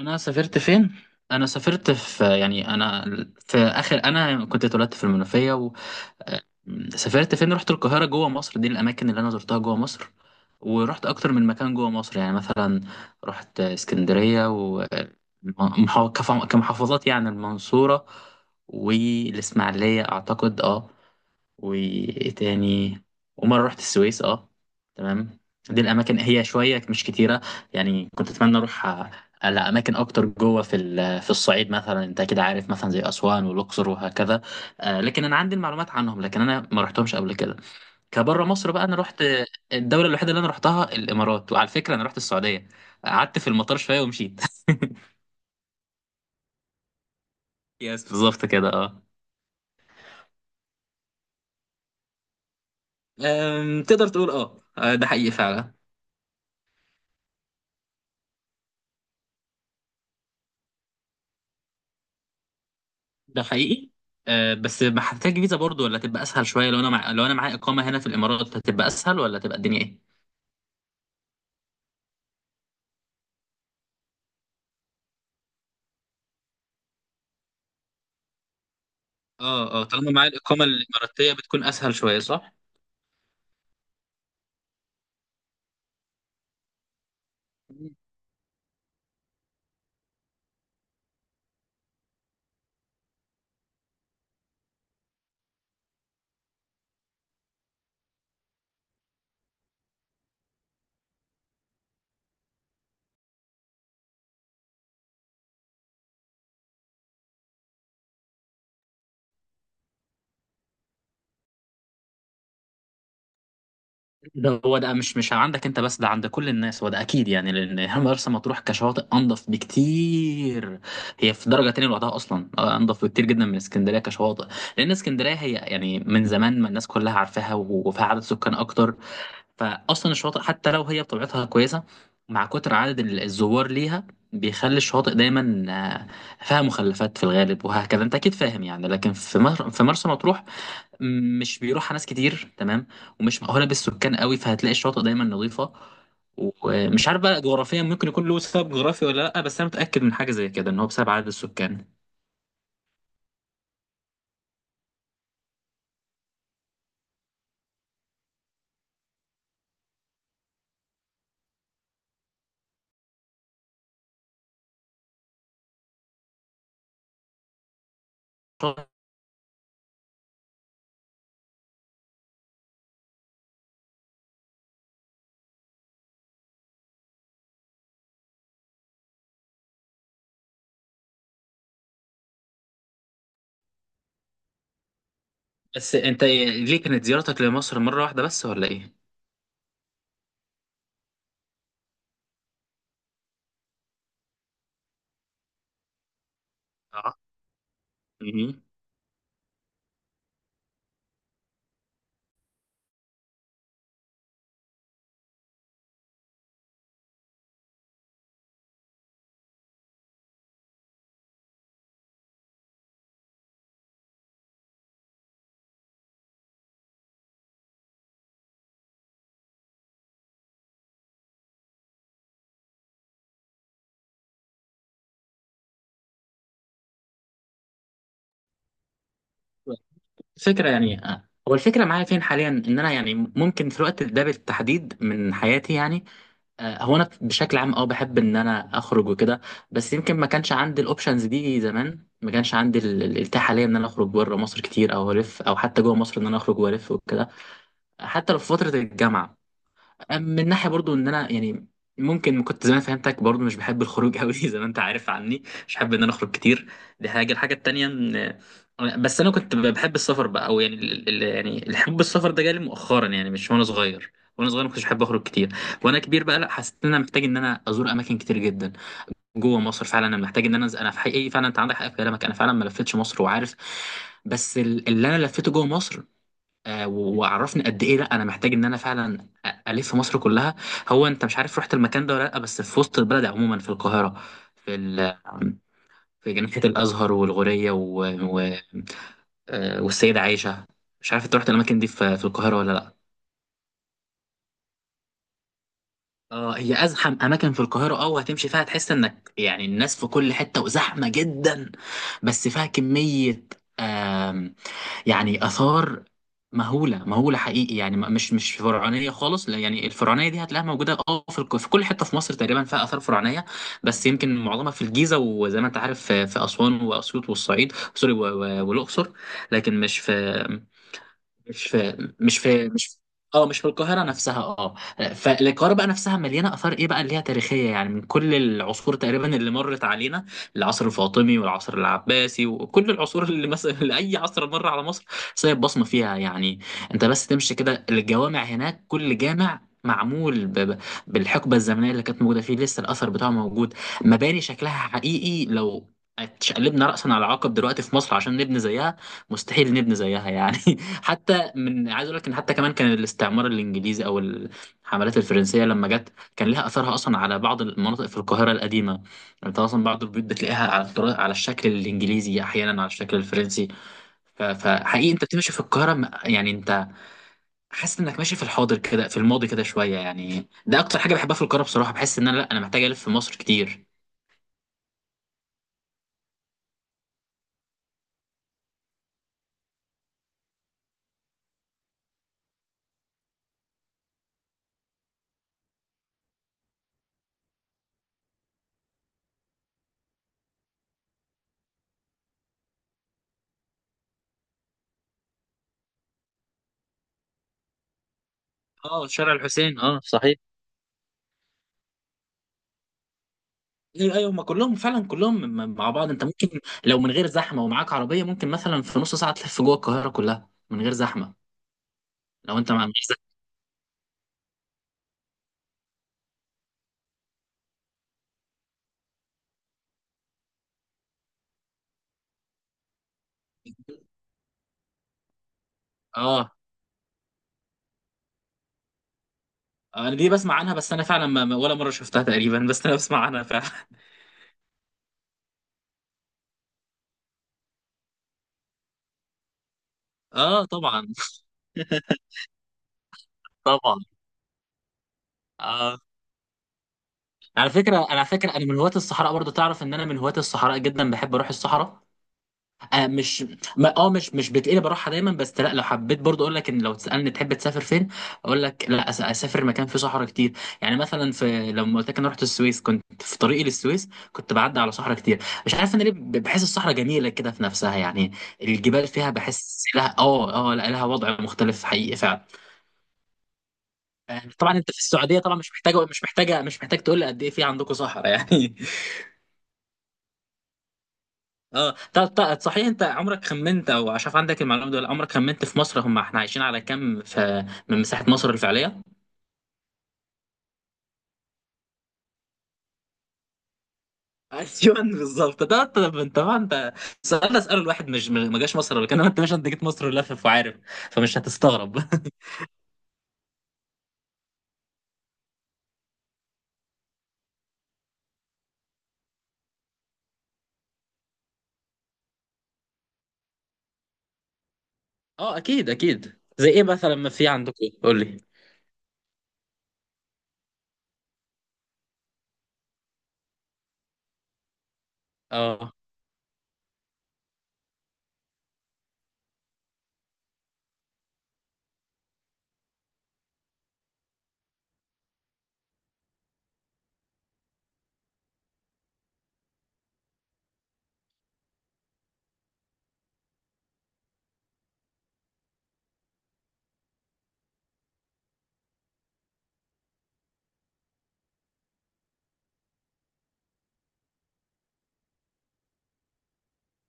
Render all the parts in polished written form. انا سافرت فين؟ انا سافرت في يعني انا في اخر انا كنت اتولدت في المنوفيه آه، سافرت فين؟ رحت القاهرة جوه مصر. دي الأماكن اللي أنا زرتها جوه مصر، ورحت أكتر من مكان جوه مصر. يعني مثلا رحت اسكندرية ومحافظات، كمحافظات يعني المنصورة والإسماعيلية أعتقد، أه. وايه تاني؟ ومره رحت السويس. اه تمام، دي الاماكن هي شويه مش كتيره. يعني كنت اتمنى اروح على اماكن اكتر جوه في الصعيد مثلا، انت كده عارف، مثلا زي اسوان والاقصر وهكذا. لكن انا عندي المعلومات عنهم، لكن انا ما رحتهمش قبل كده. كبره مصر بقى. انا رحت الدوله الوحيده اللي انا رحتها الامارات، وعلى فكره انا رحت السعوديه، قعدت في المطار شويه ومشيت. يس بالظبط كده اه. تقدر تقول اه، ده حقيقي فعلا. ده حقيقي. آه بس ما هتحتاج فيزا برضو، ولا تبقى اسهل شويه لو انا لو انا معايا اقامه هنا في الامارات، هتبقى اسهل ولا تبقى الدنيا ايه؟ اه اه، طالما معايا الاقامه الاماراتيه بتكون اسهل شويه، صح. ده هو ده، مش عندك انت بس، ده عند كل الناس، هو ده اكيد. يعني لان مرسى مطروح كشواطئ انضف بكتير، هي في درجه تانية لوحدها اصلا. انضف بكتير جدا من اسكندريه كشواطئ. لان اسكندريه هي يعني من زمان ما الناس كلها عارفاها وفيها عدد سكان اكتر، فاصلا الشواطئ حتى لو هي بطبيعتها كويسه، مع كتر عدد الزوار ليها بيخلي الشواطئ دايما، فيها مخلفات في الغالب وهكذا، انت اكيد فاهم. يعني لكن في مرسى مطروح مش بيروحها ناس كتير، تمام. ومش مأهوله بالسكان قوي، فهتلاقي الشواطئ دايما نظيفه. ومش عارف بقى جغرافيا، ممكن يكون له سبب جغرافي ولا لا، بس انا متأكد من حاجه زي كده، ان هو بسبب عدد السكان. بس انت ليه كانت زيارتك لمصر مره واحده بس ولا ايه؟ اه. مهم. فكرة يعني، هو الفكرة معايا فين حاليا، ان انا يعني ممكن في الوقت ده بالتحديد من حياتي يعني، هو انا بشكل عام اه بحب ان انا اخرج وكده. بس يمكن ما كانش عندي الاوبشنز دي زمان، ما كانش عندي الاتاحة حاليا ان انا اخرج بره مصر كتير او الف، او حتى جوه مصر ان انا اخرج والف وكده. حتى لو في فترة الجامعة، من ناحيه برضو ان انا يعني ممكن كنت زمان فهمتك برضو مش بحب الخروج قوي زي ما انت عارف عني، مش بحب ان انا اخرج كتير. دي حاجه. الحاجه التانيه ان، بس انا كنت بحب السفر بقى، او يعني يعني الحب السفر ده جالي مؤخرا، يعني مش وانا صغير. وانا صغير ما كنتش بحب اخرج كتير، وانا كبير بقى لا، حسيت ان انا محتاج ان انا ازور اماكن كتير جدا جوه مصر. فعلا انا محتاج ان انا انا في حقيقي فعلا، انت عندك حق في كلامك، انا فعلا ما لفتش مصر وعارف. بس اللي انا لفيته جوه مصر، وعرفني قد ايه لا انا محتاج ان انا فعلا الف مصر كلها. هو انت مش عارف رحت المكان ده ولا لا، بس في وسط البلد عموما في القاهره، في ال... في جنينه الازهر والغوريه و... والسيده عائشه. مش عارف انت رحت الاماكن دي في في القاهره ولا لا. اه هي ازحم اماكن في القاهره اه، وهتمشي فيها تحس انك، يعني الناس في كل حته وزحمه جدا. بس فيها كميه، آم، يعني اثار مهوله، مهوله حقيقي. يعني مش فرعونيه خالص لا، يعني الفرعونيه دي هتلاقيها موجوده اه في كل حته في مصر تقريبا فيها اثار فرعونيه، بس يمكن معظمها في الجيزه، وزي ما انت عارف في في اسوان واسيوط والصعيد، سوري والاقصر. لكن مش في مش في. اه مش في القاهرة نفسها اه. فالقاهرة بقى نفسها مليانة آثار، ايه بقى اللي هي تاريخية، يعني من كل العصور تقريبا اللي مرت علينا، العصر الفاطمي والعصر العباسي وكل العصور اللي مثلا اللي أي عصر مر على مصر سايب بصمة فيها. يعني انت بس تمشي كده، الجوامع هناك كل جامع معمول بالحقبة الزمنية اللي كانت موجودة فيه، لسه الأثر بتاعه موجود. مباني شكلها حقيقي، لو اتشقلبنا رأسا على عقب دلوقتي في مصر عشان نبني زيها، مستحيل نبني زيها يعني. حتى من عايز اقول لك ان، حتى كمان كان الاستعمار الانجليزي او الحملات الفرنسيه لما جت كان لها اثرها اصلا على بعض المناطق في القاهره القديمه. يعني انت اصلا بعض البيوت بتلاقيها على على الشكل الانجليزي، احيانا على الشكل الفرنسي. فحقيقي انت بتمشي في القاهره يعني انت حاسس انك ماشي في الحاضر كده، في الماضي كده شويه. يعني ده اكتر حاجه بحبها في القاهره بصراحه، بحس ان انا لا، انا محتاج الف في مصر كتير. اه شارع الحسين اه صحيح. ايوه ايوه، ما كلهم فعلا كلهم مع بعض. انت ممكن لو من غير زحمه ومعاك عربيه، ممكن مثلا في نص ساعه تلف جوه القاهره كلها من غير زحمه. لو انت مع مش زحمة. اه انا دي بسمع عنها، بس انا فعلا ولا مره شفتها تقريبا، بس انا بسمع عنها فعلا. اه طبعا. طبعا اه. على فكره انا، على فكره انا من هواة الصحراء برضو، تعرف ان انا من هواة الصحراء جدا، بحب اروح الصحراء. آه مش، ما اه مش بتقلب راحه دايما، بس لا لو حبيت برضه، اقول لك ان لو تسالني تحب تسافر فين، اقول لك لا، اسافر مكان فيه صحراء كتير. يعني مثلا في لما قلت لك انا رحت السويس، كنت في طريقي للسويس كنت بعدي على صحراء كتير. مش عارف انا ليه بحس الصحراء جميله كده في نفسها، يعني الجبال فيها بحس لها اه اه لا، لها وضع مختلف حقيقي فعلا. طبعا انت في السعوديه طبعا، مش محتاجه مش محتاج تقول لي قد ايه في عندكم صحراء يعني. اه طب، طب صحيح، انت عمرك خمنت او عشان عندك المعلومه دي، ولا عمرك خمنت في مصر هم احنا عايشين على كام في من مساحه مصر الفعليه؟ ايوه بالظبط ده. طب انت طبعا انت، السؤال ده اساله الواحد ما جاش مصر قبل كده، انت مش، انت جيت مصر لافف وعارف، فمش هتستغرب. اه اكيد اكيد، زي ايه مثلا ما في عندكم قول لي. اه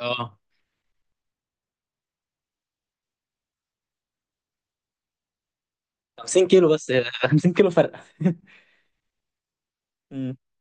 اه 50 كيلو بس، 50 كيلو فرق.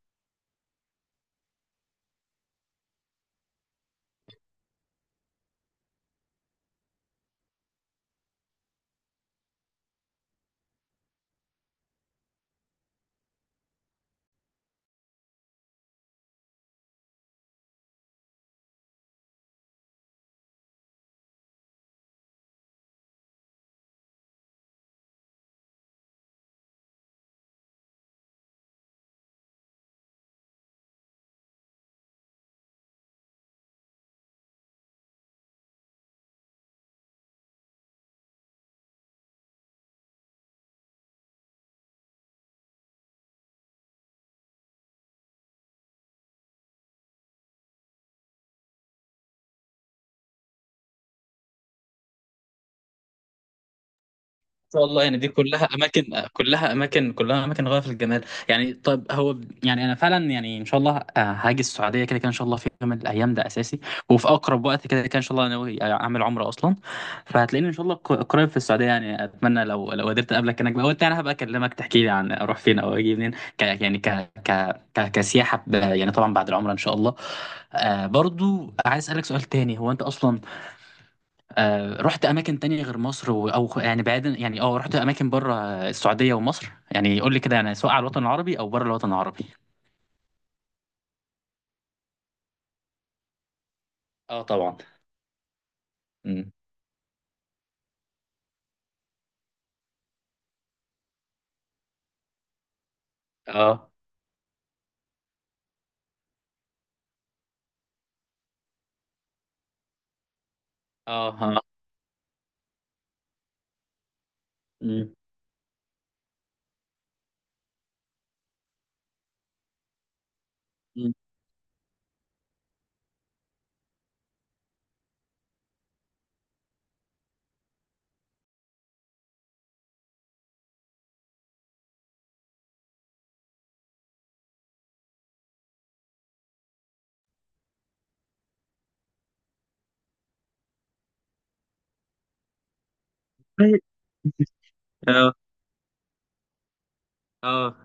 ان شاء الله. يعني دي كلها اماكن، كلها اماكن، كلها اماكن غايه في الجمال يعني. طب هو يعني انا فعلا، يعني ان شاء الله، هاجي السعوديه كده كده ان شاء الله في يوم من الايام، ده اساسي، وفي اقرب وقت كده كده ان شاء الله. انا ناوي اعمل عمره اصلا، فهتلاقيني ان شاء الله قريب في السعوديه. يعني اتمنى لو لو قدرت اقابلك هناك بقى، وانت انا هبقى اكلمك تحكي لي عن اروح فين او اجي منين. ك يعني ك ك ك كسياحه يعني طبعا بعد العمره ان شاء الله. آه برضو عايز اسالك سؤال تاني، هو انت اصلا رحت اماكن تانية غير مصر او يعني بعيدا، يعني اه رحت اماكن بره السعوديه ومصر، يعني قول لي كده، يعني سواء على الوطن العربي او بره الوطن العربي. اه طبعا. امم. اه اه اه. امم. أمم. اه اه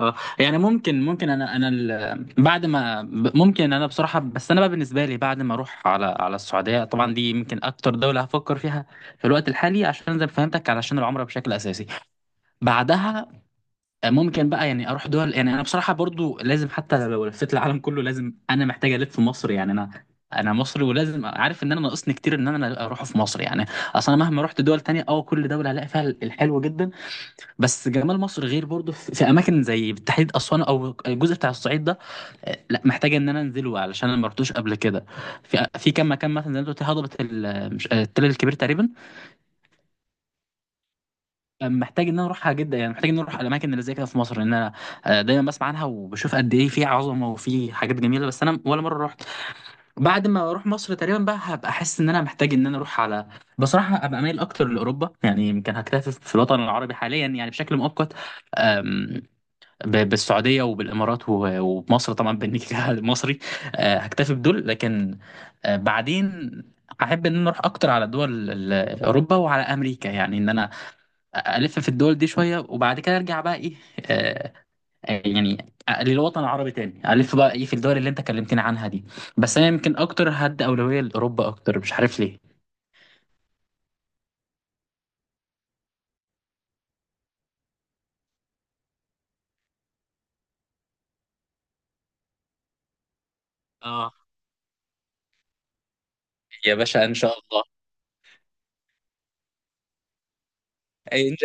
اه، يعني ممكن ممكن انا انا بعد ما ممكن انا بصراحه، بس انا بقى بالنسبه لي بعد ما اروح على على السعوديه طبعا، دي يمكن اكتر دوله هفكر فيها في الوقت الحالي، عشان زي ما فهمتك علشان العمره بشكل اساسي. بعدها ممكن بقى يعني اروح دول. يعني انا بصراحه برضو لازم، حتى لو لفيت العالم كله لازم انا محتاج الف في مصر. يعني انا انا مصري ولازم عارف ان انا ناقصني كتير ان انا اروح في مصر، يعني اصلا مهما رحت دول تانية اه كل دوله هلاقي فيها الحلو جدا. بس جمال مصر غير، برضو في في اماكن زي بالتحديد اسوان او الجزء بتاع الصعيد ده، لا محتاج ان انا انزله علشان انا ما رحتوش قبل كده. في في كام مكان مثلا زي ما أنت قلت هضبه التل الكبير تقريبا، محتاج ان انا اروحها جدا. يعني محتاج ان انا اروح الاماكن اللي زي كده في مصر، لان انا دايما بسمع عنها وبشوف قد ايه في عظمه وفي حاجات جميله، بس انا ولا مره رحت. بعد ما اروح مصر تقريبا بقى هبقى احس ان انا محتاج ان انا اروح على، بصراحه هبقى مايل اكتر لاوروبا. يعني يمكن هكتفي في الوطن العربي حاليا يعني بشكل مؤقت، آم، بالسعوديه وبالامارات ومصر طبعا بالنيكة المصري. هكتفي بدول، لكن بعدين هحب ان انا اروح اكتر على دول اوروبا وعلى امريكا. يعني ان انا الف في الدول دي شويه، وبعد كده ارجع بقى ايه، آه، يعني للوطن العربي تاني، الف بقى ايه في الدول اللي انت كلمتني عنها دي. بس انا يمكن اكتر هدي اولويه لاوروبا اكتر، مش عارف ليه. اه يا باشا ان شاء الله. أي-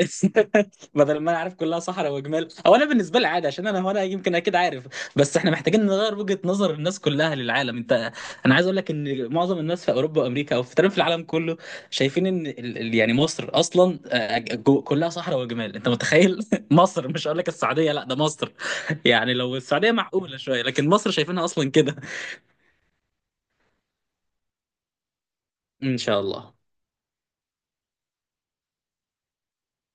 بدل ما انا عارف كلها صحراء وجمال، او انا بالنسبه لي عادي عشان انا، هو انا يمكن اكيد عارف. بس احنا محتاجين نغير وجهه نظر الناس كلها للعالم. انت انا عايز اقول لك ان معظم الناس في اوروبا وامريكا او في تقريبا في العالم كله، شايفين ان يعني مصر اصلا كلها صحراء وجمال، انت متخيل. مصر، مش هقول لك السعوديه لا، ده مصر. يعني لو السعوديه معقوله شويه، لكن مصر شايفينها اصلا كده. ان شاء الله.